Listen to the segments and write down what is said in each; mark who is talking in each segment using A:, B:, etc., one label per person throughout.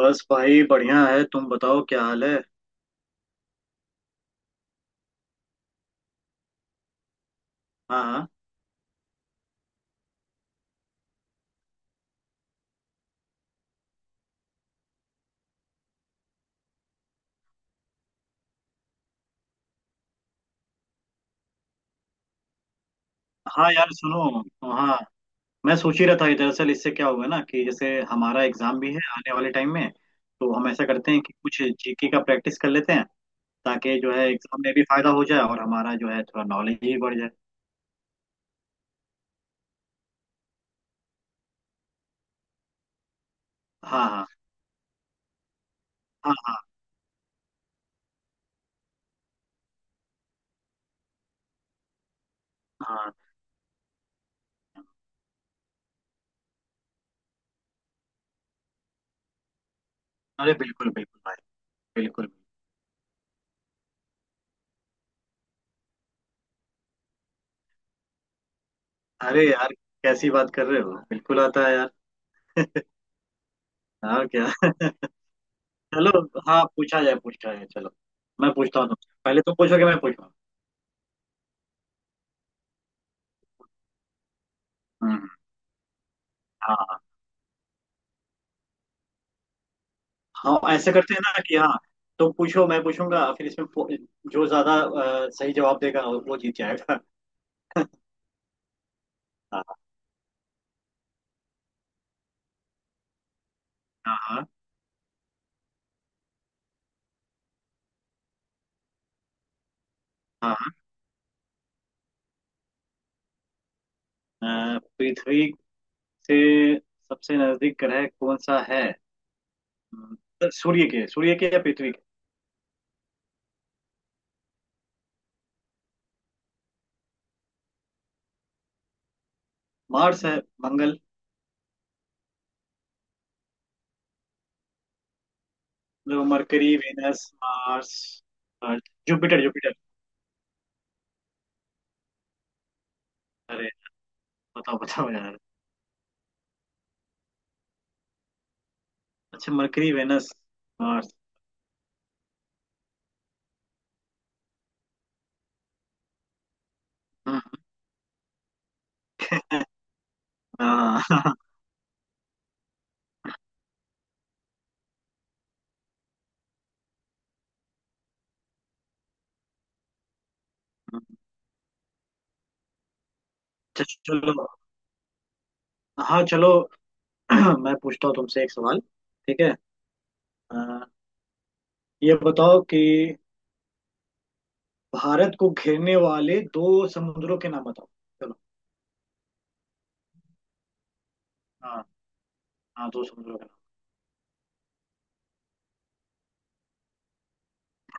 A: बस भाई बढ़िया है। तुम बताओ क्या हाल है। हाँ हाँ। हाँ यार सुनो। हाँ। मैं सोच ही रहा था कि दरअसल इससे क्या होगा ना कि जैसे हमारा एग्जाम भी है आने वाले टाइम में। तो हम ऐसा करते हैं कि कुछ जीके का प्रैक्टिस कर लेते हैं। ताकि जो है एग्जाम में भी फायदा हो जाए और हमारा जो है थोड़ा नॉलेज भी बढ़ जाए। हाँ हाँ। हाँ हाँ। हाँ। अरे बिल्कुल बिल्कुल भाई। बिल्कुल। अरे यार कैसी बात कर रहे हो बिल्कुल आता है यार। यार क्या चलो। हाँ पूछा जाए चलो। मैं पूछता हूँ तुमसे पहले तुम पूछोगे मैं पूछूँ। हम्म। हाँ। हाँ ऐसे करते हैं ना कि हाँ। तुम पूछो मैं पूछूंगा फिर इसमें जो ज्यादा सही जवाब देगा वो जीत जाएगा। हाँ हाँ। हाँ हाँ। हाँ। पृथ्वी से सबसे नजदीक ग्रह कौन सा है। सूर्य के या पृथ्वी के। मार्स है। मंगल। Mercury Venus Mars Earth Jupiter Jupiter. अरे बताओ बताओ यार। अच्छा मरकरी वेनस मार्स। हम्म, हाँ अच्छा चलो। हाँ चलो। मैं पूछता हूँ तुमसे एक सवाल। ठीक है। अ, ये बताओ कि भारत को घेरने वाले दो समुद्रों के नाम बताओ। चलो। हाँ हाँ दो समुद्रों के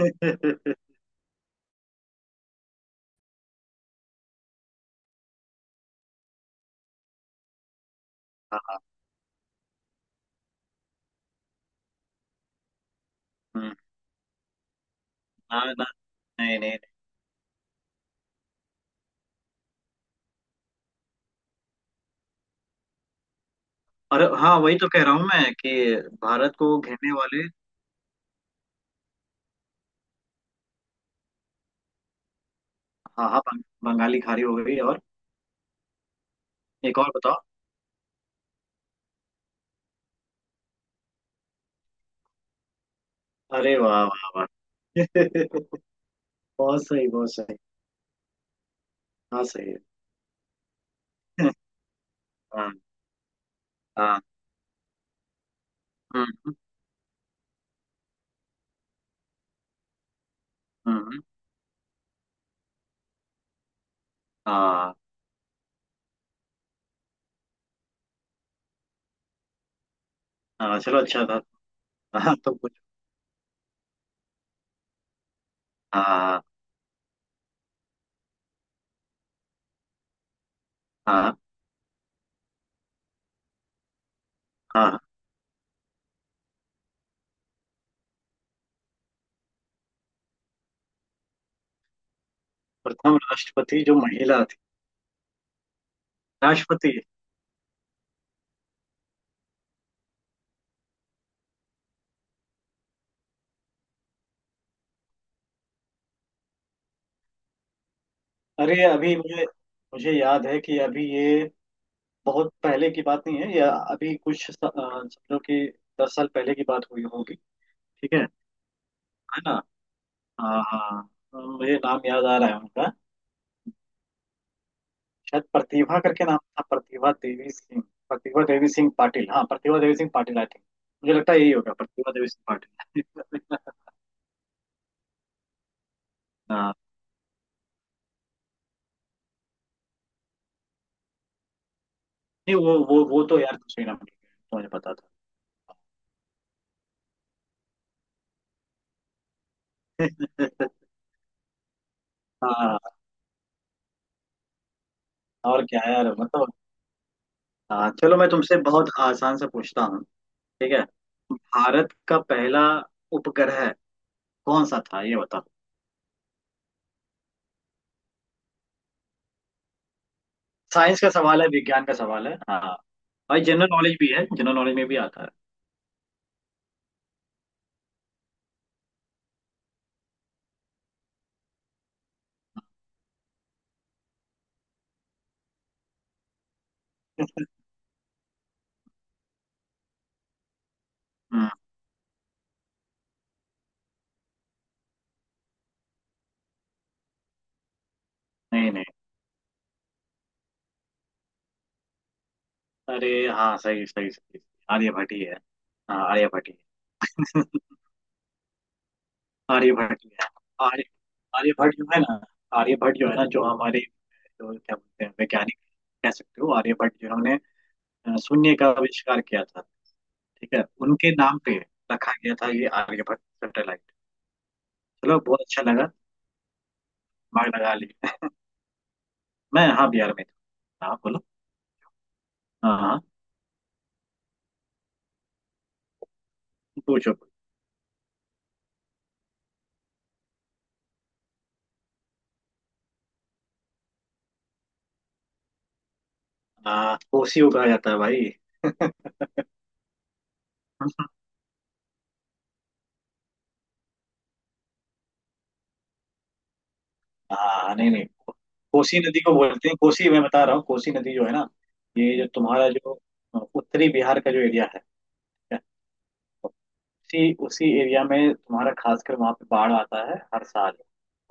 A: नाम। हाँ। हम्म, ना, ना, नहीं नहीं नहीं। और हाँ वही तो कह रहा हूँ मैं कि भारत को घेरने वाले। हाँ हाँ बंगाली खाड़ी हो गई और एक और बताओ। अरे वाह वाह वाह बहुत सही बहुत सही। हाँ सही है। हाँ हाँ हम्म हम्म, हम्म, हाँ हाँ। चलो अच्छा था। हाँ तो कुछ। हाँ हाँ हाँ। प्रथम राष्ट्रपति जो महिला थी राष्ट्रपति। अरे अभी मुझे मुझे याद है कि अभी ये बहुत पहले की बात नहीं है या अभी कुछ समझो कि 10 साल पहले की बात हुई होगी। ठीक है। है ना। हाँ हाँ। मुझे नाम याद आ रहा है उनका। शायद प्रतिभा करके नाम था प्रतिभा देवी सिंह। प्रतिभा देवी सिंह पाटिल हाँ प्रतिभा देवी सिंह पाटिल आई थिंक। मुझे लगता है यही होगा प्रतिभा देवी सिंह पाटिल। हाँ। नहीं वो तो यार दूसरे नाम की है, तुम्हें पता था। हाँ। और क्या यार बताओ। हाँ चलो मैं तुमसे बहुत आसान से पूछता हूँ। ठीक है। भारत का पहला उपग्रह कौन सा था ये बताओ। साइंस का सवाल है विज्ञान का सवाल है हाँ। और जनरल नॉलेज भी है जनरल नॉलेज में भी आता है। हम्म, नहीं नहीं। अरे हाँ सही सही सही। आर्यभट्ट ही है। हाँ आर्यभट्ट ही है। आर्यभट्ट ही है। आर्य आर्यभट्ट जो है ना। आर्यभट्ट जो है ना जो हमारे जो क्या बोलते हैं वैज्ञानिक कह सकते हो आर्यभट्ट जिन्होंने शून्य का आविष्कार किया था। ठीक है उनके नाम पे रखा गया था ये आर्यभट्ट सैटेलाइट। चलो बहुत अच्छा लगा। दिमाग लगा लिया। मैं हाँ बिहार में था। हाँ बोलो। हाँ हाँ पूछो। हाँ कोसी को कहा जाता है भाई। हाँ नहीं नहीं कोसी नदी को बोलते हैं कोसी। मैं बता रहा हूँ कोसी नदी जो है ना। ये जो तुम्हारा जो उत्तरी बिहार का जो एरिया है। उसी उसी एरिया में तुम्हारा खासकर वहाँ पे बाढ़ आता है हर साल।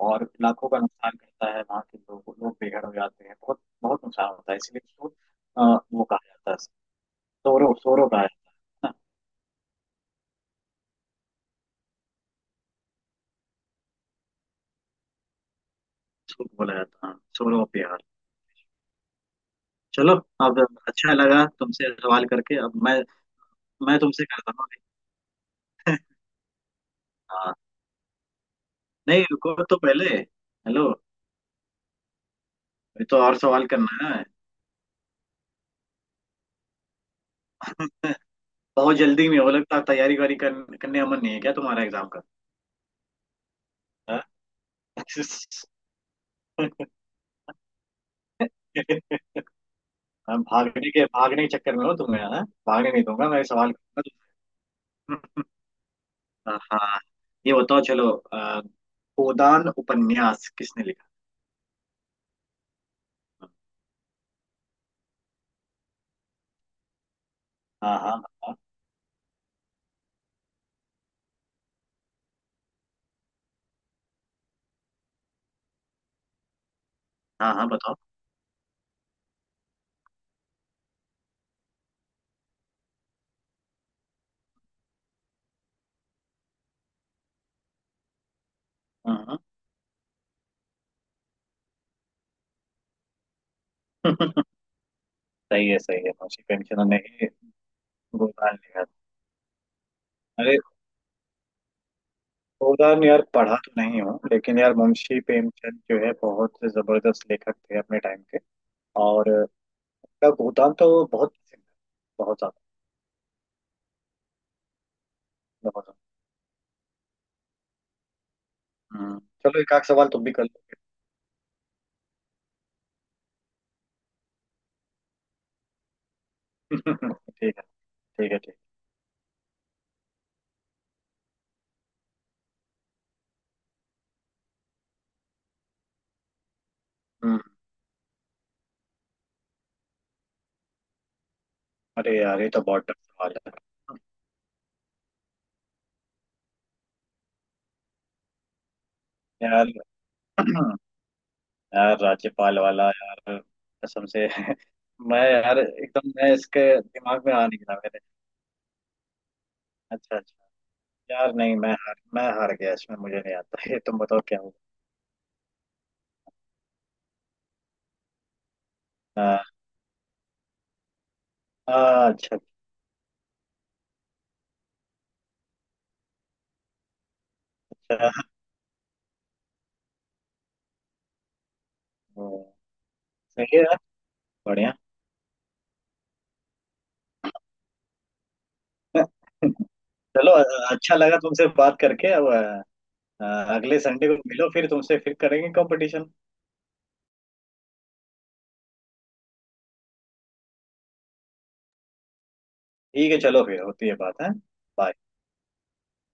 A: और लाखों का नुकसान करता है वहाँ के लोग लोग बेघर हो जाते हैं बहुत बहुत नुकसान होता है इसलिए उसको वो कहा जाता है। सोरो सोरो कहा जाता है ना। उसको बोला जाता है हाँ, सोरो ऑफ बिहार। चलो। अब। अच्छा लगा तुमसे सवाल करके अब मैं। मैं तुमसे करता हूँ। हाँ। नहीं रुको तो पहले हेलो। अभी तो और सवाल करना है। बहुत जल्दी में हो लगता है तैयारी वारी करने का मन नहीं है क्या तुम्हारा एग्जाम का। हाँ? मैं भागने के चक्कर में हो तुम्हें हाँ भागने नहीं दूंगा मैं सवाल करूंगा। हाँ। ये बताओ चलो गोदान उपन्यास किसने लिखा। हाँ हाँ बताओ। हाँ हाँ बताओ। हाँ हाँ। सही है मुंशी प्रेमचंद ने ही गोदान लिखा था। अरे। गोदान यार पढ़ा तो नहीं हूँ लेकिन यार मुंशी प्रेमचंद जो है बहुत जबरदस्त लेखक थे अपने टाइम के। और उनका गोदान तो बहुत पसंद है बहुत ज्यादा बहुत ज्यादा। हम्म। चलो एक आध सवाल तुम भी कर लो। ठीक है ठीक है। ठीक है। हम्म, अरे यार ये तो बहुत टफ सवाल है। यार यार राज्यपाल वाला यार कसम से मैं यार एकदम मैं इसके दिमाग में आ नहीं रहा मेरे। अच्छा अच्छा। यार नहीं मैं हार गया इसमें मुझे नहीं आता ये तुम बताओ क्या होगा। हाँ, अच्छा अच्छा। हम्म, सही है यार बढ़िया। चलो अच्छा लगा तुमसे बात करके अब अ, अगले संडे को मिलो फिर तुमसे फिर करेंगे कंपटीशन। ठीक है चलो फिर होती है बात है। Bye।